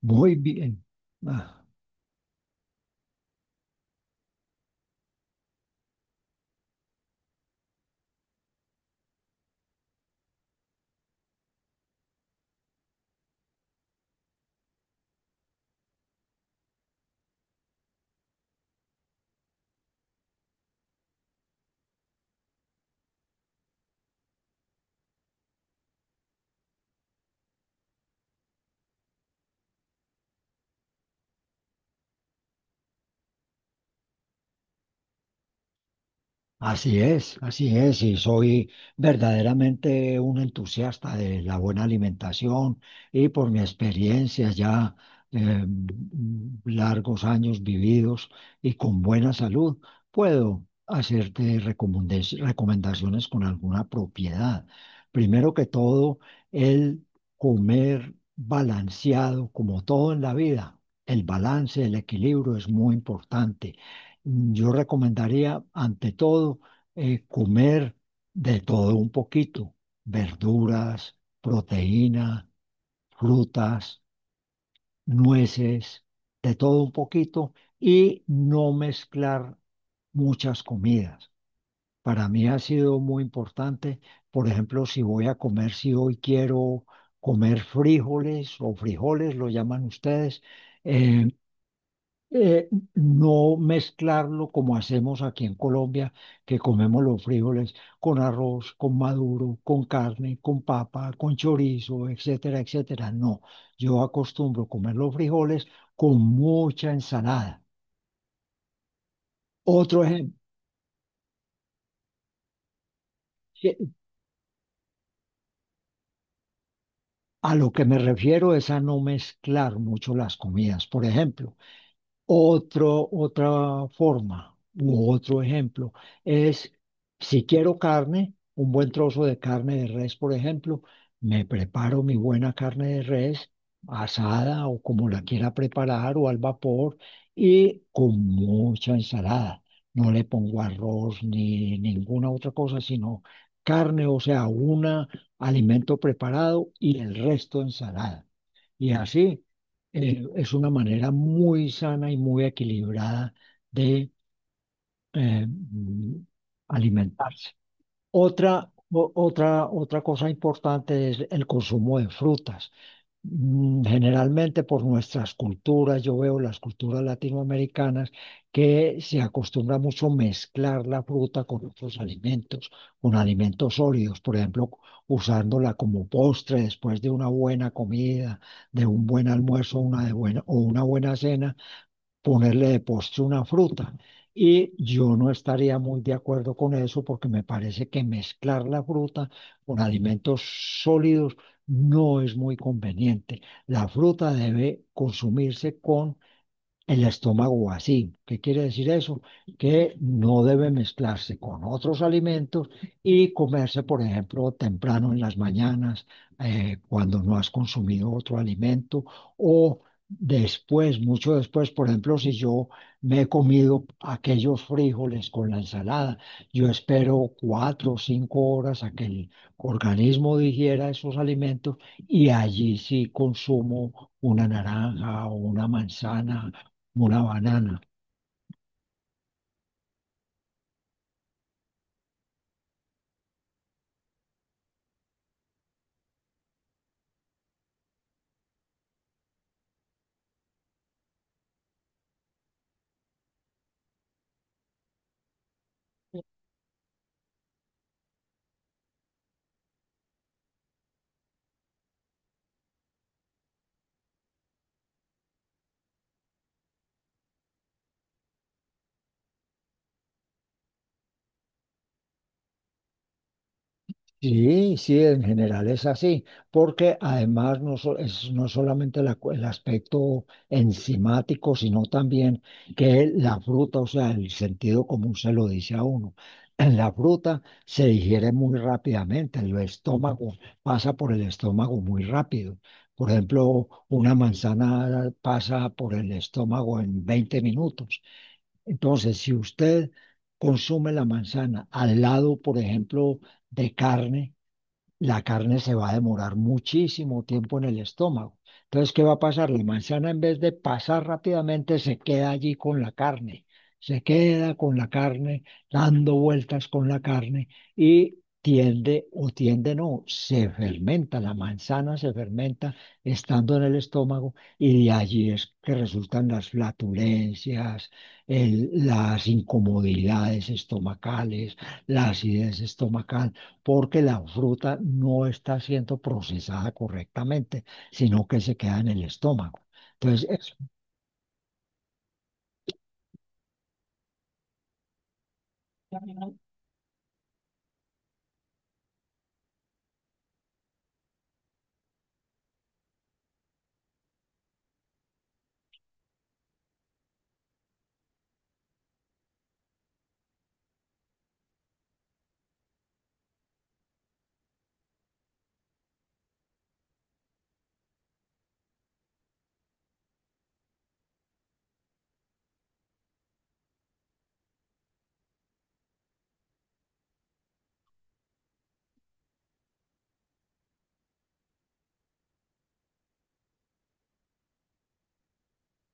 Muy bien. Ah, así es, así es, y soy verdaderamente un entusiasta de la buena alimentación y por mi experiencia ya, eh, largos años vividos y con buena salud, puedo hacerte recomendaciones con alguna propiedad. Primero que todo, el comer balanceado, como todo en la vida. El balance, el equilibrio es muy importante. Yo recomendaría, ante todo, comer de todo un poquito: verduras, proteína, frutas, nueces, de todo un poquito, y no mezclar muchas comidas. Para mí ha sido muy importante, por ejemplo, si voy a comer, si hoy quiero comer frijoles o frijoles, lo llaman ustedes, eh, eh, no mezclarlo como hacemos aquí en Colombia, que comemos los frijoles con arroz, con maduro, con carne, con papa, con chorizo, etcétera, etcétera. No, yo acostumbro comer los frijoles con mucha ensalada. Otro ejemplo, a lo que me refiero es a no mezclar mucho las comidas. Por ejemplo, otra forma u otro ejemplo es, si quiero carne, un buen trozo de carne de res, por ejemplo, me preparo mi buena carne de res asada o como la quiera preparar o al vapor, y con mucha ensalada. No le pongo arroz ni ninguna otra cosa, sino carne, o sea, un alimento preparado y el resto ensalada. Y así, es una manera muy sana y muy equilibrada de eh, mm, alimentarse. Otra cosa importante es el consumo de frutas. Generalmente por nuestras culturas, yo veo las culturas latinoamericanas que se acostumbra mucho mezclar la fruta con otros alimentos, con alimentos sólidos, por ejemplo, usándola como postre después de una buena comida, de un buen almuerzo, una buena cena, ponerle de postre una fruta. Y yo no estaría muy de acuerdo con eso porque me parece que mezclar la fruta con alimentos sólidos no es muy conveniente. La fruta debe consumirse con el estómago vacío. ¿Qué quiere decir eso? Que no debe mezclarse con otros alimentos y comerse, por ejemplo, temprano en las mañanas, cuando no has consumido otro alimento, o después, mucho después, por ejemplo, si yo me he comido aquellos frijoles con la ensalada, yo espero 4 o 5 horas a que el organismo digiera esos alimentos, y allí sí consumo una naranja o una manzana, una banana. Sí, sí, en general es así, porque además no, es no solamente el aspecto enzimático, sino también que la fruta, o sea, el sentido común se lo dice a uno. En la fruta se digiere muy rápidamente, el estómago, pasa por el estómago muy rápido. Por ejemplo, una manzana pasa por el estómago en 20 minutos. Entonces, si usted consume la manzana al lado, por ejemplo, de carne, la carne se va a demorar muchísimo tiempo en el estómago. Entonces, ¿qué va a pasar? La manzana, en vez de pasar rápidamente, se queda allí con la carne, se queda con la carne, dando vueltas con la carne, y tiende o tiende no, se fermenta, la manzana se fermenta estando en el estómago, y de allí es que resultan las flatulencias, las incomodidades estomacales, la acidez estomacal, porque la fruta no está siendo procesada correctamente, sino que se queda en el estómago. Entonces, eso.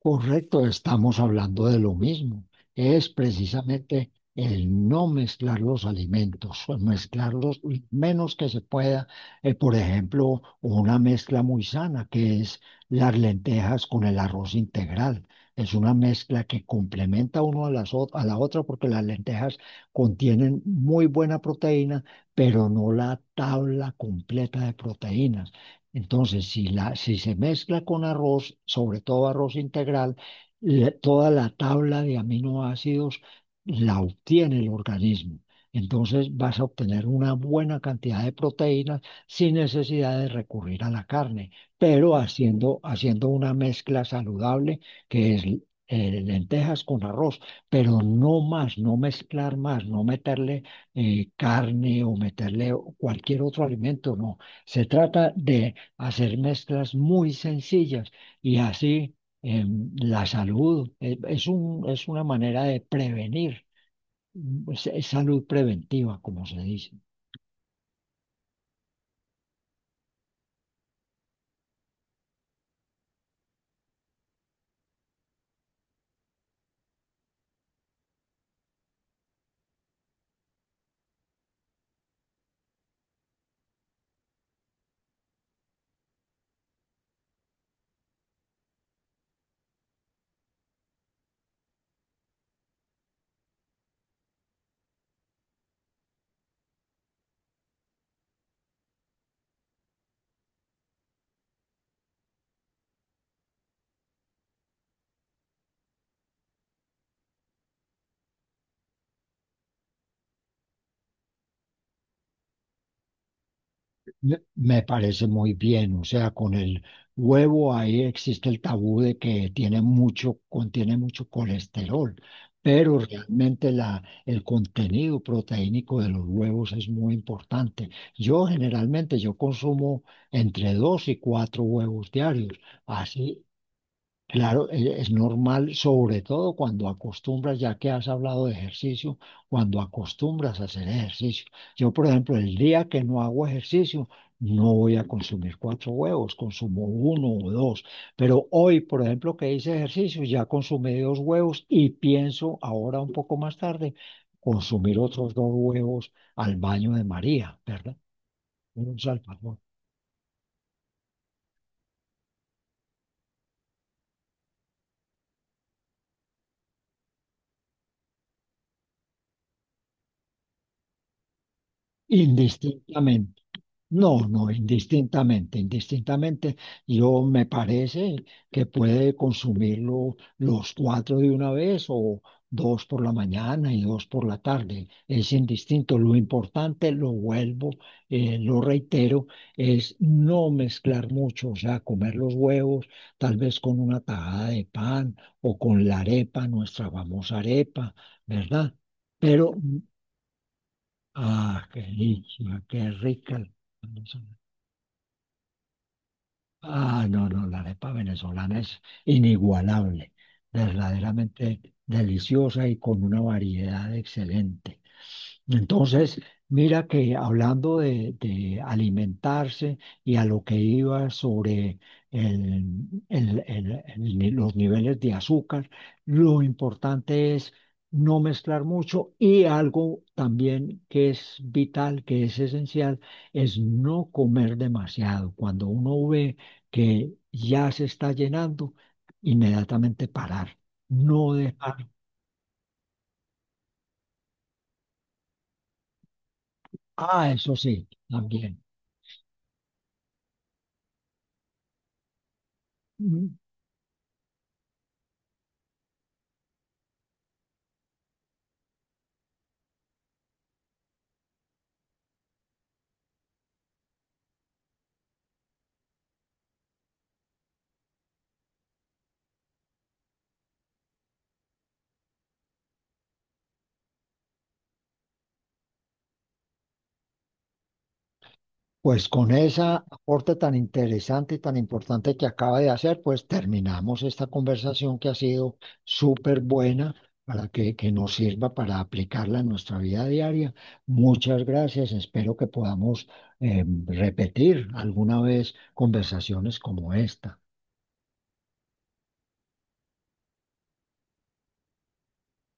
Correcto, estamos hablando de lo mismo. Es precisamente el no mezclar los alimentos, o mezclarlos lo menos que se pueda. Por ejemplo, una mezcla muy sana que es las lentejas con el arroz integral. Es una mezcla que complementa uno a la otra, porque las lentejas contienen muy buena proteína, pero no la tabla completa de proteínas. Entonces, si se mezcla con arroz, sobre todo arroz integral, toda la tabla de aminoácidos la obtiene el organismo. Entonces vas a obtener una buena cantidad de proteínas sin necesidad de recurrir a la carne, pero haciendo una mezcla saludable que es, lentejas con arroz, pero no más, no mezclar más, no meterle carne, o meterle cualquier otro alimento, no. Se trata de hacer mezclas muy sencillas, y así, la salud, es un, es una manera de prevenir, es salud preventiva, como se dice. Me parece muy bien, o sea, con el huevo ahí existe el tabú de que tiene mucho, contiene mucho colesterol, pero realmente la, el contenido proteínico de los huevos es muy importante. Yo generalmente yo consumo entre dos y cuatro huevos diarios, así. Claro, es normal, sobre todo cuando acostumbras, ya que has hablado de ejercicio, cuando acostumbras a hacer ejercicio. Yo, por ejemplo, el día que no hago ejercicio, no voy a consumir cuatro huevos, consumo uno o dos. Pero hoy, por ejemplo, que hice ejercicio, ya consumí dos huevos y pienso ahora un poco más tarde consumir otros dos huevos al baño de María, ¿verdad? Unos alfajores, indistintamente. No, no, indistintamente, indistintamente, yo me parece que puede consumirlo los cuatro de una vez, o dos por la mañana y dos por la tarde. Es indistinto. Lo importante, lo vuelvo, lo reitero, es no mezclar mucho, o sea, comer los huevos tal vez con una tajada de pan o con la arepa, nuestra famosa arepa, ¿verdad? Pero, ah, qué delicia, qué rica. Ah, no, no, la arepa venezolana es inigualable, verdaderamente deliciosa y con una variedad excelente. Entonces, mira que hablando de alimentarse, y a lo que iba sobre el ni- los niveles de azúcar, lo importante es no mezclar mucho, y algo también que es vital, que es esencial, es no comer demasiado. Cuando uno ve que ya se está llenando, inmediatamente parar, no dejar. Ah, eso sí, también. Mm, Pues con ese aporte tan interesante y tan importante que acaba de hacer, pues terminamos esta conversación que ha sido súper buena para que nos sirva para aplicarla en nuestra vida diaria. Muchas gracias. Espero que podamos, repetir alguna vez conversaciones como esta.